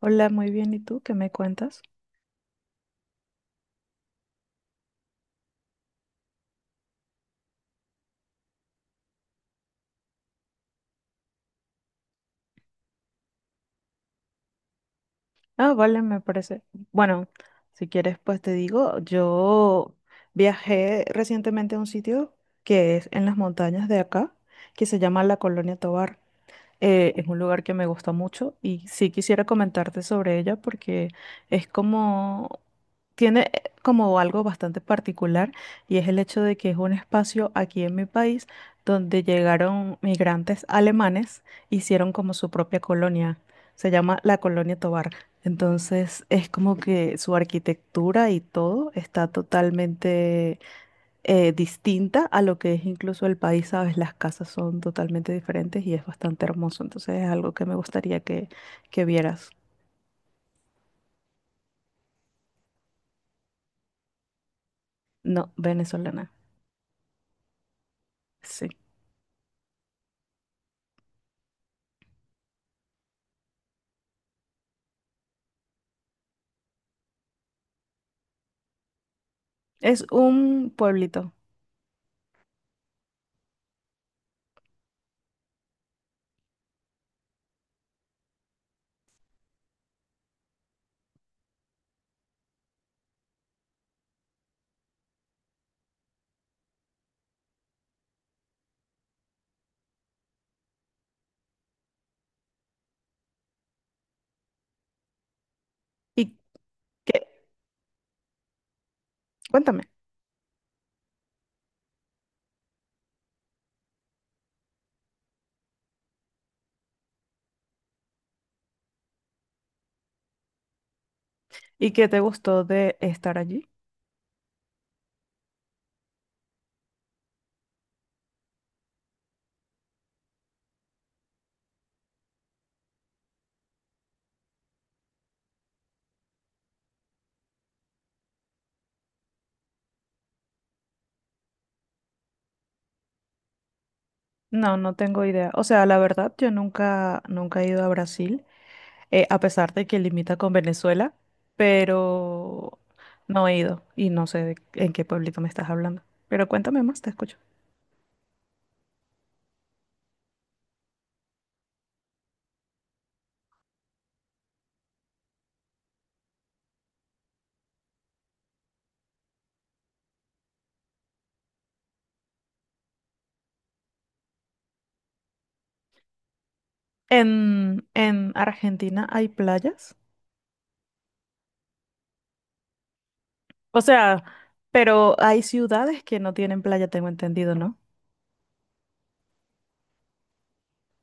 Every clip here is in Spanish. Hola, muy bien. ¿Y tú qué me cuentas? Ah, vale, me parece. Bueno, si quieres, pues te digo, yo viajé recientemente a un sitio que es en las montañas de acá, que se llama la Colonia Tovar. Es un lugar que me gusta mucho y sí quisiera comentarte sobre ella porque es como, tiene como algo bastante particular y es el hecho de que es un espacio aquí en mi país donde llegaron migrantes alemanes, hicieron como su propia colonia, se llama la Colonia Tovar. Entonces es como que su arquitectura y todo está totalmente distinta a lo que es incluso el país, ¿sabes? Las casas son totalmente diferentes y es bastante hermoso, entonces es algo que me gustaría que vieras. No, venezolana, sí. Es un pueblito. ¿Y qué? Cuéntame. ¿Y qué te gustó de estar allí? No, no tengo idea. O sea, la verdad, yo nunca he ido a Brasil, a pesar de que limita con Venezuela, pero no he ido y no sé en qué pueblito me estás hablando. Pero cuéntame más, te escucho. En Argentina hay playas. O sea, pero hay ciudades que no tienen playa, tengo entendido, ¿no?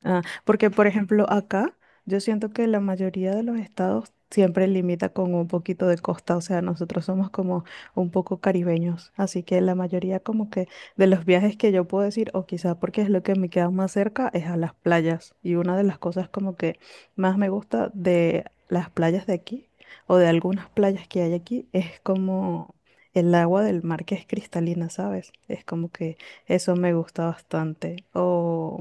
Ah, porque, por ejemplo, acá yo siento que la mayoría de los estados siempre limita con un poquito de costa, o sea, nosotros somos como un poco caribeños, así que la mayoría como que de los viajes que yo puedo decir, o quizás porque es lo que me queda más cerca, es a las playas. Y una de las cosas como que más me gusta de las playas de aquí, o de algunas playas que hay aquí, es como el agua del mar que es cristalina, ¿sabes? Es como que eso me gusta bastante. O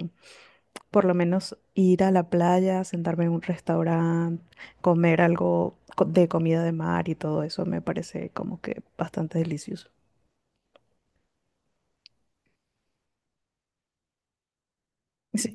por lo menos ir a la playa, sentarme en un restaurante, comer algo de comida de mar y todo eso me parece como que bastante delicioso. Sí.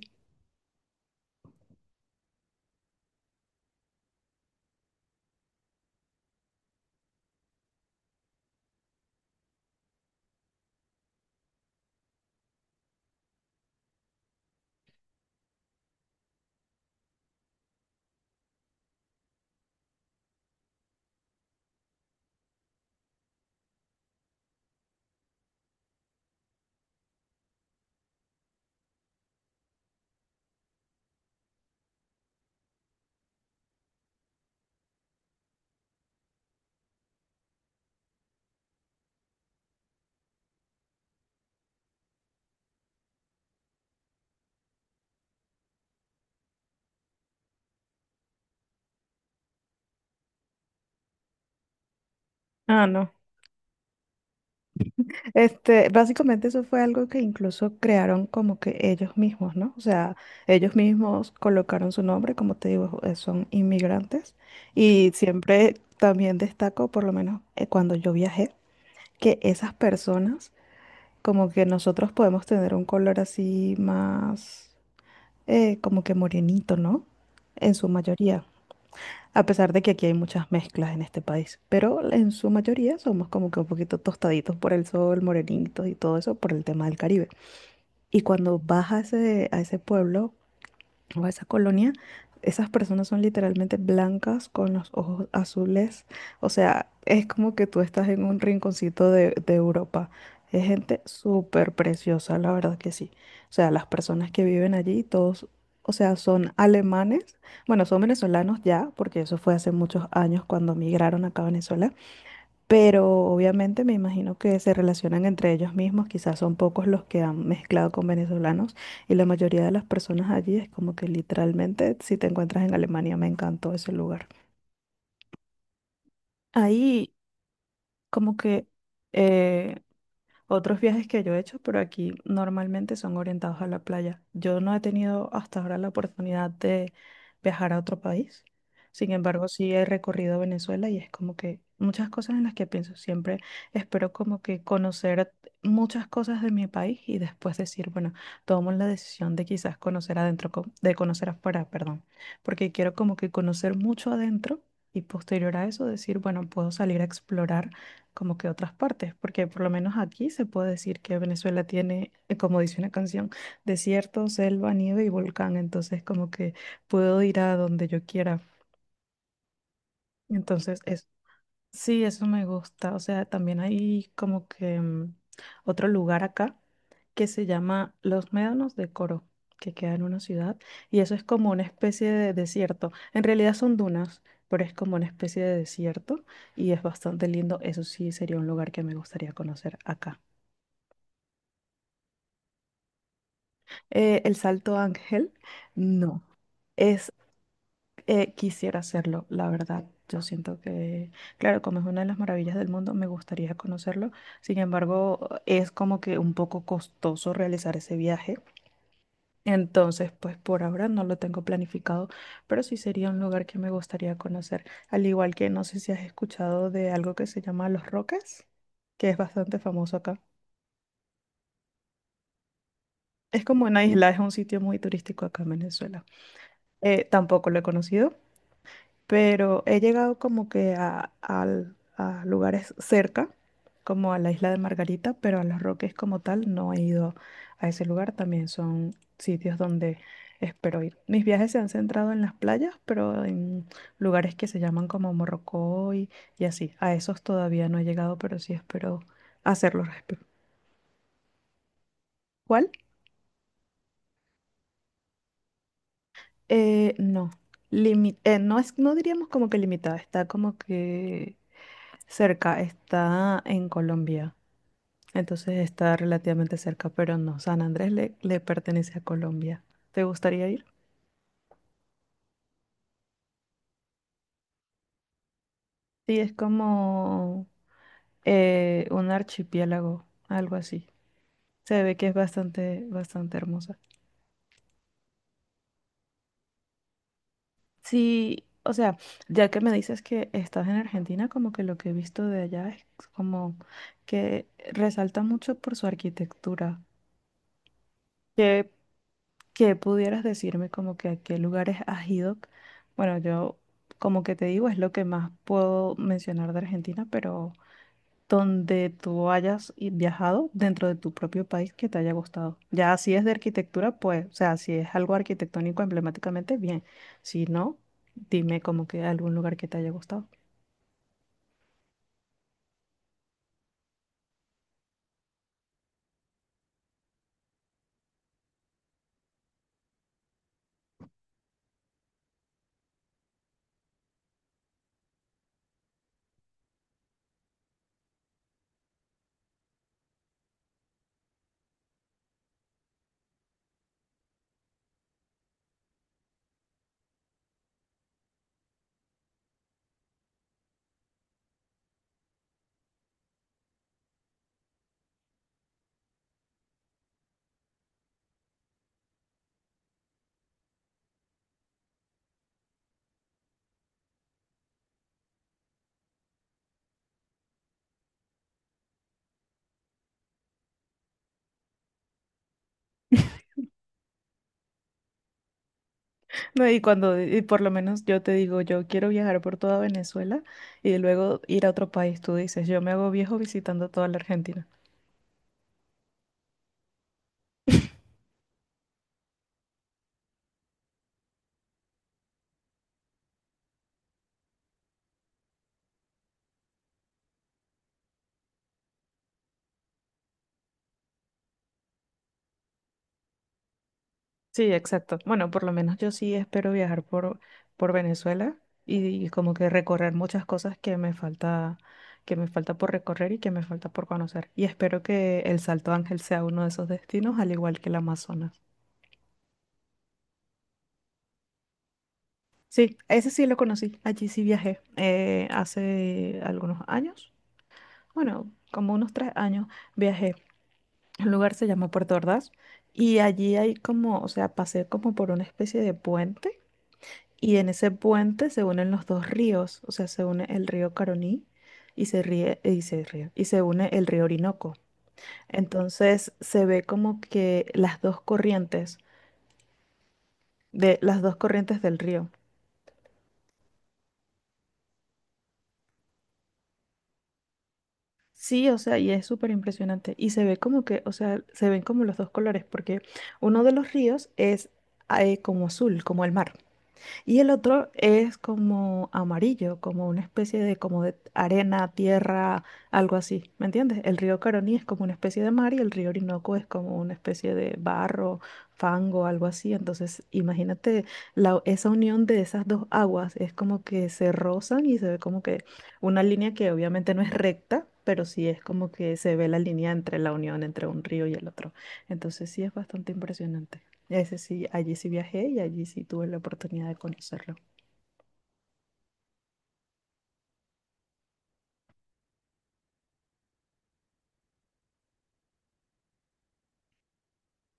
Ah, no. Este, básicamente eso fue algo que incluso crearon como que ellos mismos, ¿no? O sea, ellos mismos colocaron su nombre, como te digo, son inmigrantes. Y siempre también destaco, por lo menos cuando yo viajé, que esas personas, como que nosotros podemos tener un color así más como que morenito, ¿no? En su mayoría. A pesar de que aquí hay muchas mezclas en este país, pero en su mayoría somos como que un poquito tostaditos por el sol, morenitos y todo eso por el tema del Caribe. Y cuando vas a ese pueblo, o a esa colonia, esas personas son literalmente blancas con los ojos azules. O sea, es como que tú estás en un rinconcito de Europa. Es gente súper preciosa, la verdad que sí. O sea, las personas que viven allí, todos, o sea, son alemanes. Bueno, son venezolanos ya, porque eso fue hace muchos años cuando migraron acá a Venezuela, pero obviamente me imagino que se relacionan entre ellos mismos, quizás son pocos los que han mezclado con venezolanos y la mayoría de las personas allí es como que literalmente si te encuentras en Alemania, me encantó ese lugar. Ahí como que eh, otros viajes que yo he hecho, pero aquí normalmente son orientados a la playa. Yo no he tenido hasta ahora la oportunidad de viajar a otro país. Sin embargo, sí he recorrido Venezuela y es como que muchas cosas en las que pienso. Siempre espero como que conocer muchas cosas de mi país y después decir, bueno, tomo la decisión de quizás conocer adentro, de conocer afuera, perdón, porque quiero como que conocer mucho adentro y posterior a eso decir, bueno, puedo salir a explorar como que otras partes, porque por lo menos aquí se puede decir que Venezuela tiene, como dice una canción, desierto, selva, nieve y volcán, entonces como que puedo ir a donde yo quiera. Entonces, es. Sí, eso me gusta. O sea, también hay como que otro lugar acá que se llama Los Médanos de Coro, que queda en una ciudad, y eso es como una especie de desierto. En realidad son dunas, pero es como una especie de desierto y es bastante lindo. Eso sí sería un lugar que me gustaría conocer acá. El Salto Ángel, no. Es. Quisiera hacerlo, la verdad. Yo siento que, claro, como es una de las maravillas del mundo, me gustaría conocerlo. Sin embargo, es como que un poco costoso realizar ese viaje. Entonces, pues por ahora no lo tengo planificado, pero sí sería un lugar que me gustaría conocer. Al igual que no sé si has escuchado de algo que se llama Los Roques, que es bastante famoso acá. Es como una isla, es un sitio muy turístico acá en Venezuela. Tampoco lo he conocido, pero he llegado como que a, a lugares cerca, como a la isla de Margarita, pero a Los Roques como tal no he ido a ese lugar. También son sitios donde espero ir. Mis viajes se han centrado en las playas, pero en lugares que se llaman como Morrocoy y así. A esos todavía no he llegado, pero sí espero hacerlo. ¿Cuál? No. No es, no diríamos como que limitada, está como que cerca, está en Colombia. Entonces está relativamente cerca, pero no, San Andrés le, le pertenece a Colombia. ¿Te gustaría ir? Sí, es como un archipiélago, algo así. Se ve que es bastante, bastante hermosa. Sí, o sea, ya que me dices que estás en Argentina, como que lo que he visto de allá es como que resalta mucho por su arquitectura, que ¿qué pudieras decirme como que a qué lugares has ido? Bueno, yo como que te digo es lo que más puedo mencionar de Argentina, pero donde tú hayas viajado dentro de tu propio país que te haya gustado. Ya si es de arquitectura, pues, o sea, si es algo arquitectónico emblemáticamente, bien. Si no, dime como que algún lugar que te haya gustado. No, y cuando, y por lo menos yo te digo, yo quiero viajar por toda Venezuela y luego ir a otro país, tú dices, yo me hago viejo visitando toda la Argentina. Sí, exacto. Bueno, por lo menos yo sí espero viajar por Venezuela y, como que recorrer muchas cosas que me falta por recorrer y que me falta por conocer. Y espero que el Salto Ángel sea uno de esos destinos, al igual que el Amazonas. Sí, ese sí lo conocí. Allí sí viajé hace algunos años. Bueno, como unos 3 años viajé. El lugar se llama Puerto Ordaz y allí hay como, o sea, pasé como por una especie de puente. Y en ese puente se unen los dos ríos, o sea, se une el río Caroní y se une el río Orinoco. Entonces se ve como que las dos corrientes de las dos corrientes del río. Sí, o sea, y es súper impresionante. Y se ve como que, o sea, se ven como los dos colores, porque uno de los ríos es como azul, como el mar. Y el otro es como amarillo, como una especie de, como de arena, tierra, algo así, ¿me entiendes? El río Caroní es como una especie de mar y el río Orinoco es como una especie de barro, fango, algo así. Entonces, imagínate la, esa unión de esas dos aguas, es como que se rozan y se ve como que una línea que obviamente no es recta, pero sí es como que se ve la línea entre la unión entre un río y el otro. Entonces, sí es bastante impresionante. Ese sí, allí sí viajé y allí sí tuve la oportunidad de conocerlo.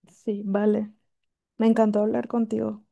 Sí, vale. Me encantó hablar contigo.